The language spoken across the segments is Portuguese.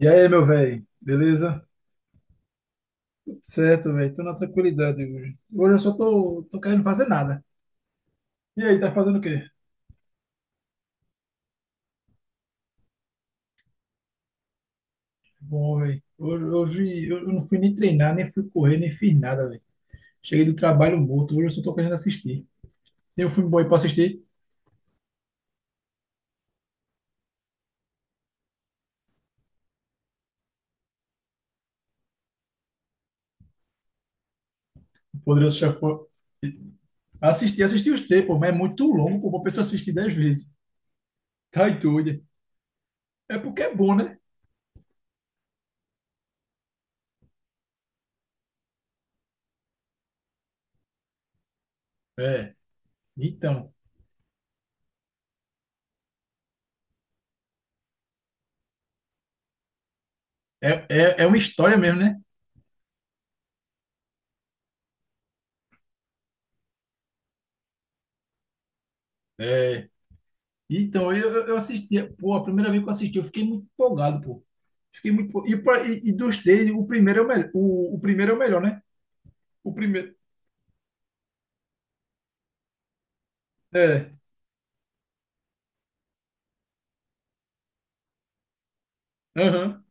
E aí, meu velho, beleza? Tudo certo, velho. Tô na tranquilidade hoje. Hoje eu só tô querendo fazer nada. E aí, tá fazendo o quê? Bom, velho. Hoje eu não fui nem treinar, nem fui correr, nem fiz nada, velho. Cheguei do trabalho morto. Hoje eu só tô querendo assistir. Tem um filme bom aí pra assistir? Poderoso Chefão. Assisti, assisti os três, pô, mas é muito longo, pô, pra pessoa assistir 10 vezes. Tá e doida. É porque é bom, né? É. Então, é uma história mesmo, né? É. Então, eu assistia, pô, a primeira vez que eu assisti, eu fiquei muito empolgado, pô. Fiquei muito. E, e dos três, o primeiro é o melhor. O primeiro é o melhor, né? O primeiro. É. Aham.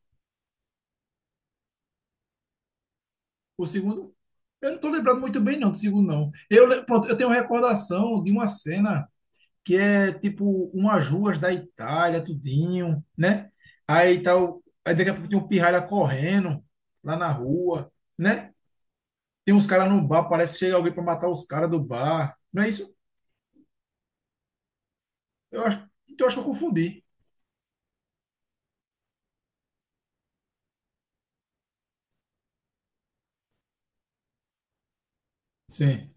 O segundo. Eu não tô lembrado muito bem, não, do segundo, não. Pronto, eu tenho uma recordação de uma cena que é tipo umas ruas da Itália, tudinho, né? Aí tal. Aí daqui a pouco tem um pirralha correndo lá na rua, né? Tem uns caras no bar, parece que chega alguém pra matar os caras do bar. Não é isso? Eu acho, então eu acho que eu confundi. Sim.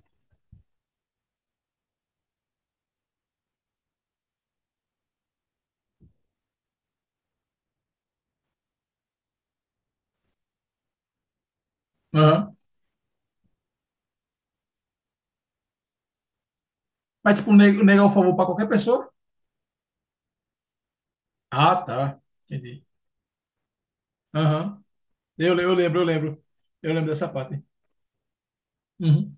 Aham. Mas, tipo, negar o favor pra qualquer pessoa? Ah, tá. Entendi. Aham. Eu lembro, eu lembro. Eu lembro dessa parte. Uhum.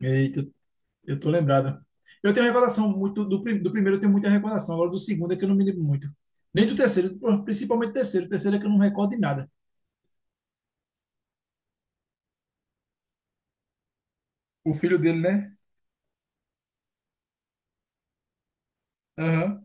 Eita, eu tô lembrado. Eu tenho recordação muito do primeiro, eu tenho muita recordação. Agora do segundo é que eu não me lembro muito. Nem do terceiro, pô, principalmente do terceiro. O terceiro é que eu não recordo de nada. O filho dele, né? Aham.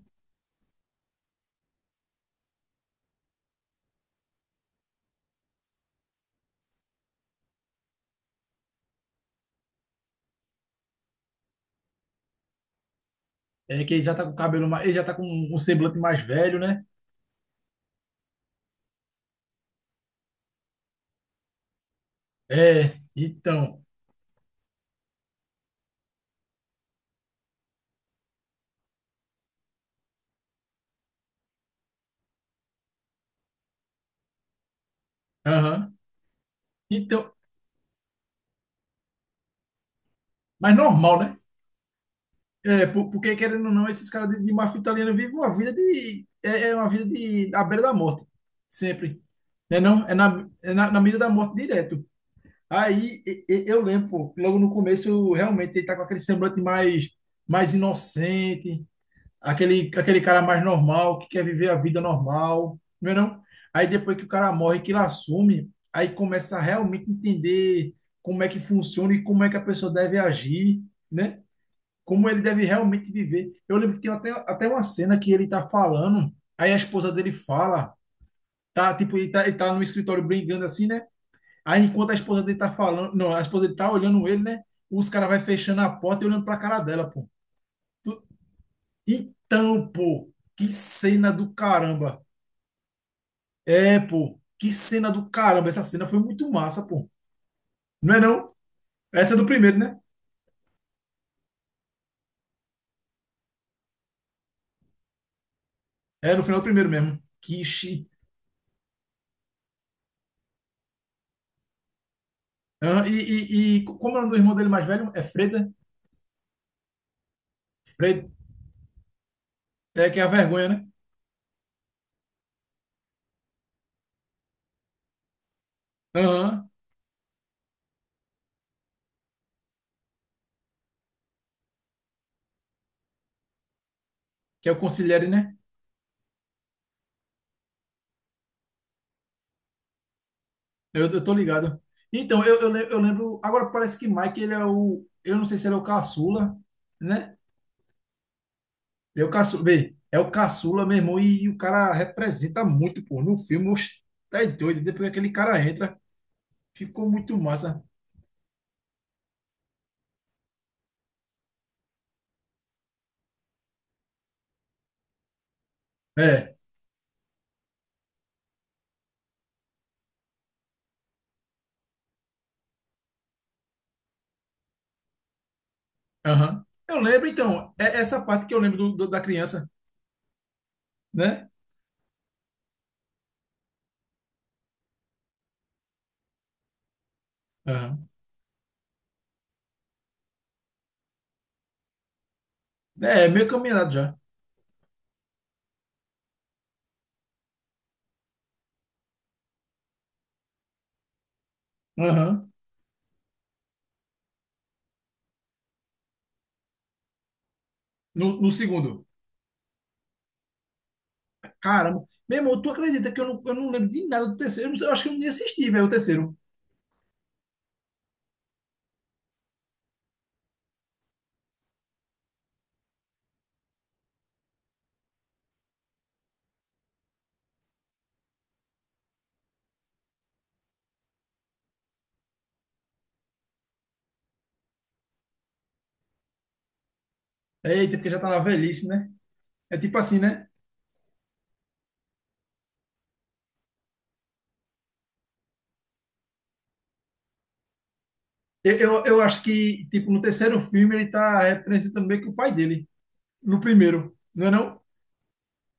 É que ele já tá com o cabelo mais. Ele já tá com um semblante mais velho, né? É, então. Aham. Então. Mas normal, né? É, porque querendo ou não, esses caras de máfia italiana vivem uma vida de. É uma vida de, à beira da morte. Sempre. Né, não? É na mira da morte direto. Aí eu lembro, pô, logo no começo, realmente ele tá com aquele semblante mais, mais inocente, aquele cara mais normal, que quer viver a vida normal, não é não? Aí depois que o cara morre, que ele assume, aí começa a realmente entender como é que funciona e como é que a pessoa deve agir, né? Como ele deve realmente viver. Eu lembro que tem até uma cena que ele tá falando, aí a esposa dele fala, tá, tipo, ele tá no escritório brigando assim, né? Aí enquanto a esposa dele tá falando, não, a esposa dele tá olhando ele, né? Os caras vai fechando a porta e olhando pra cara dela, pô. Tu- Então, pô, que cena do caramba. É, pô, que cena do caramba. Essa cena foi muito massa, pô. Não é não? Essa é do primeiro, né? É, no final do primeiro mesmo. Ah, e como é o nome do irmão dele mais velho? É Freda? Fred, é que é a vergonha, né? Aham, que é o Consigliere, né? Eu tô ligado. Então, eu lembro. Agora parece que Mike, ele é o. Eu não sei se ele é o caçula, né? É o caçula. Bem, é o caçula, meu irmão, e o cara representa muito, pô. No filme, oxe, tá doido. Depois que aquele cara entra, ficou muito massa. É, aham. Eu lembro, então, é essa parte que eu lembro do, da criança, né? Aham. É, meio caminhado já. Aham. No segundo. Caramba. Meu irmão, tu acredita que eu não lembro de nada do terceiro? Eu, não sei, eu acho que eu nem assisti, velho, o terceiro. Eita, porque já tá na velhice, né? É tipo assim, né? Eu acho que, tipo, no terceiro filme ele tá representando meio que o pai dele. No primeiro, não é não?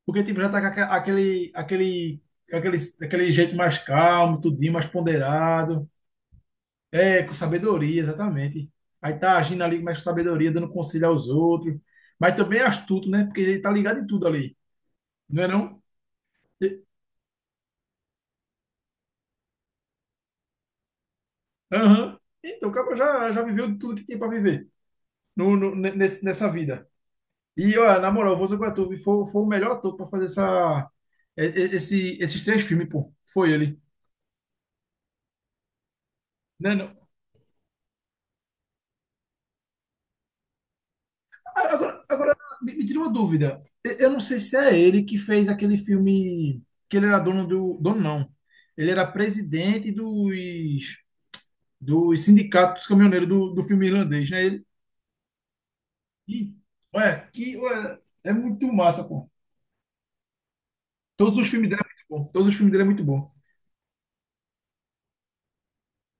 Porque, tipo, já tá com aquele, aquele jeito mais calmo, tudinho, mais ponderado. É, com sabedoria, exatamente. Aí tá agindo ali mais com sabedoria, dando conselho aos outros. Mas também é astuto, né? Porque ele tá ligado em tudo ali, não é não? Aham. Então, o cara já, já viveu tudo que tinha para viver nessa vida. E, olha, na moral, o Volta com a foi, o melhor ator para fazer essa, e- esse, esses três filmes, pô. Foi ele. Né, não? Agora me tira uma dúvida. Eu não sei se é ele que fez aquele filme que ele era dono do. Dono, não. Ele era presidente dos sindicatos caminhoneiros do filme irlandês, né? Ele, e, ué, que, ué, é muito massa, pô. Todos os filmes dele é muito bom. Todos os filmes dele é muito bom.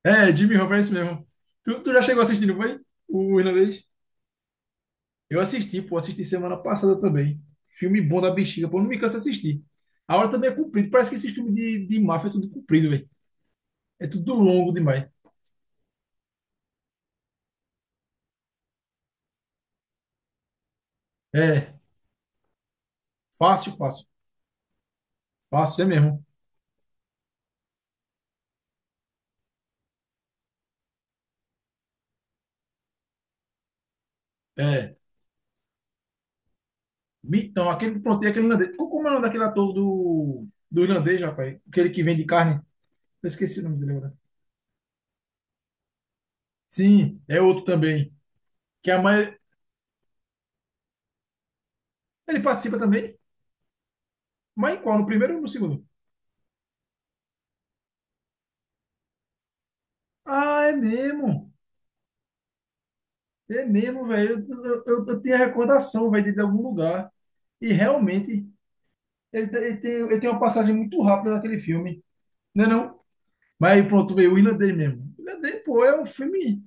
É, Jimmy Roberts mesmo. Tu já chegou assistindo, foi? O irlandês? Eu assisti, pô, assisti semana passada também. Filme bom da bexiga, pô, não me canso de assistir. A hora também é comprida, parece que esse filme de, máfia é tudo comprido, velho. É tudo longo demais. É, fácil, fácil. Fácil, é mesmo. É. Então, aquele, pronto, e aquele irlandês. Como é o nome daquele ator do irlandês, rapaz? Aquele que vende carne. Eu esqueci o nome dele agora. Sim, é outro também. Que é a mãe. Ele participa também, mas em qual? No primeiro ou no segundo? Ah, é mesmo. É mesmo, velho. Eu tenho a recordação, velho, dele de algum lugar. E realmente, ele tem uma passagem muito rápida naquele filme. Não é não? Mas aí pronto, veio o irlandês mesmo. O irlandês, pô, é um filme.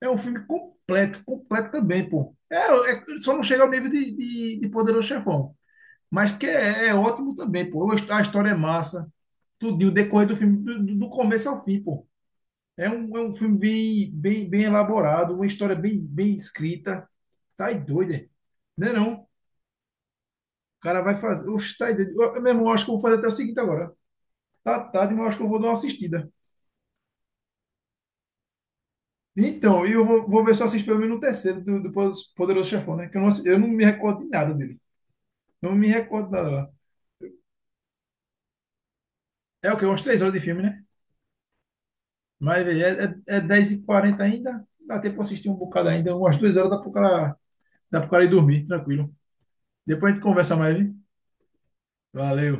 É um filme completo, completo também, pô. Só não chega ao nível de, Poderoso Chefão. Mas que é ótimo também, pô. A história é massa. Tudinho, o decorrer do filme, do, do começo ao fim, pô. É um filme bem, bem, bem elaborado, uma história bem, bem escrita. Tá aí doido, é? Não é não? O cara vai fazer. Oxe, tá aí doido. Eu, meu irmão, acho que eu vou fazer até o seguinte agora. Tá tarde, mas eu acho que eu vou dar uma assistida. Então, e eu vou ver se eu assisto pelo menos o terceiro do, Poderoso Chefão, né? Que eu não me recordo de nada dele. Não me recordo de nada lá. É o quê? Umas 3 horas de filme, né? Mas, velho, é 10h40 ainda. Dá tempo pra assistir um bocado ainda. Umas 2 horas dá pro cara ir dormir, tranquilo. Depois a gente conversa mais, viu? Valeu.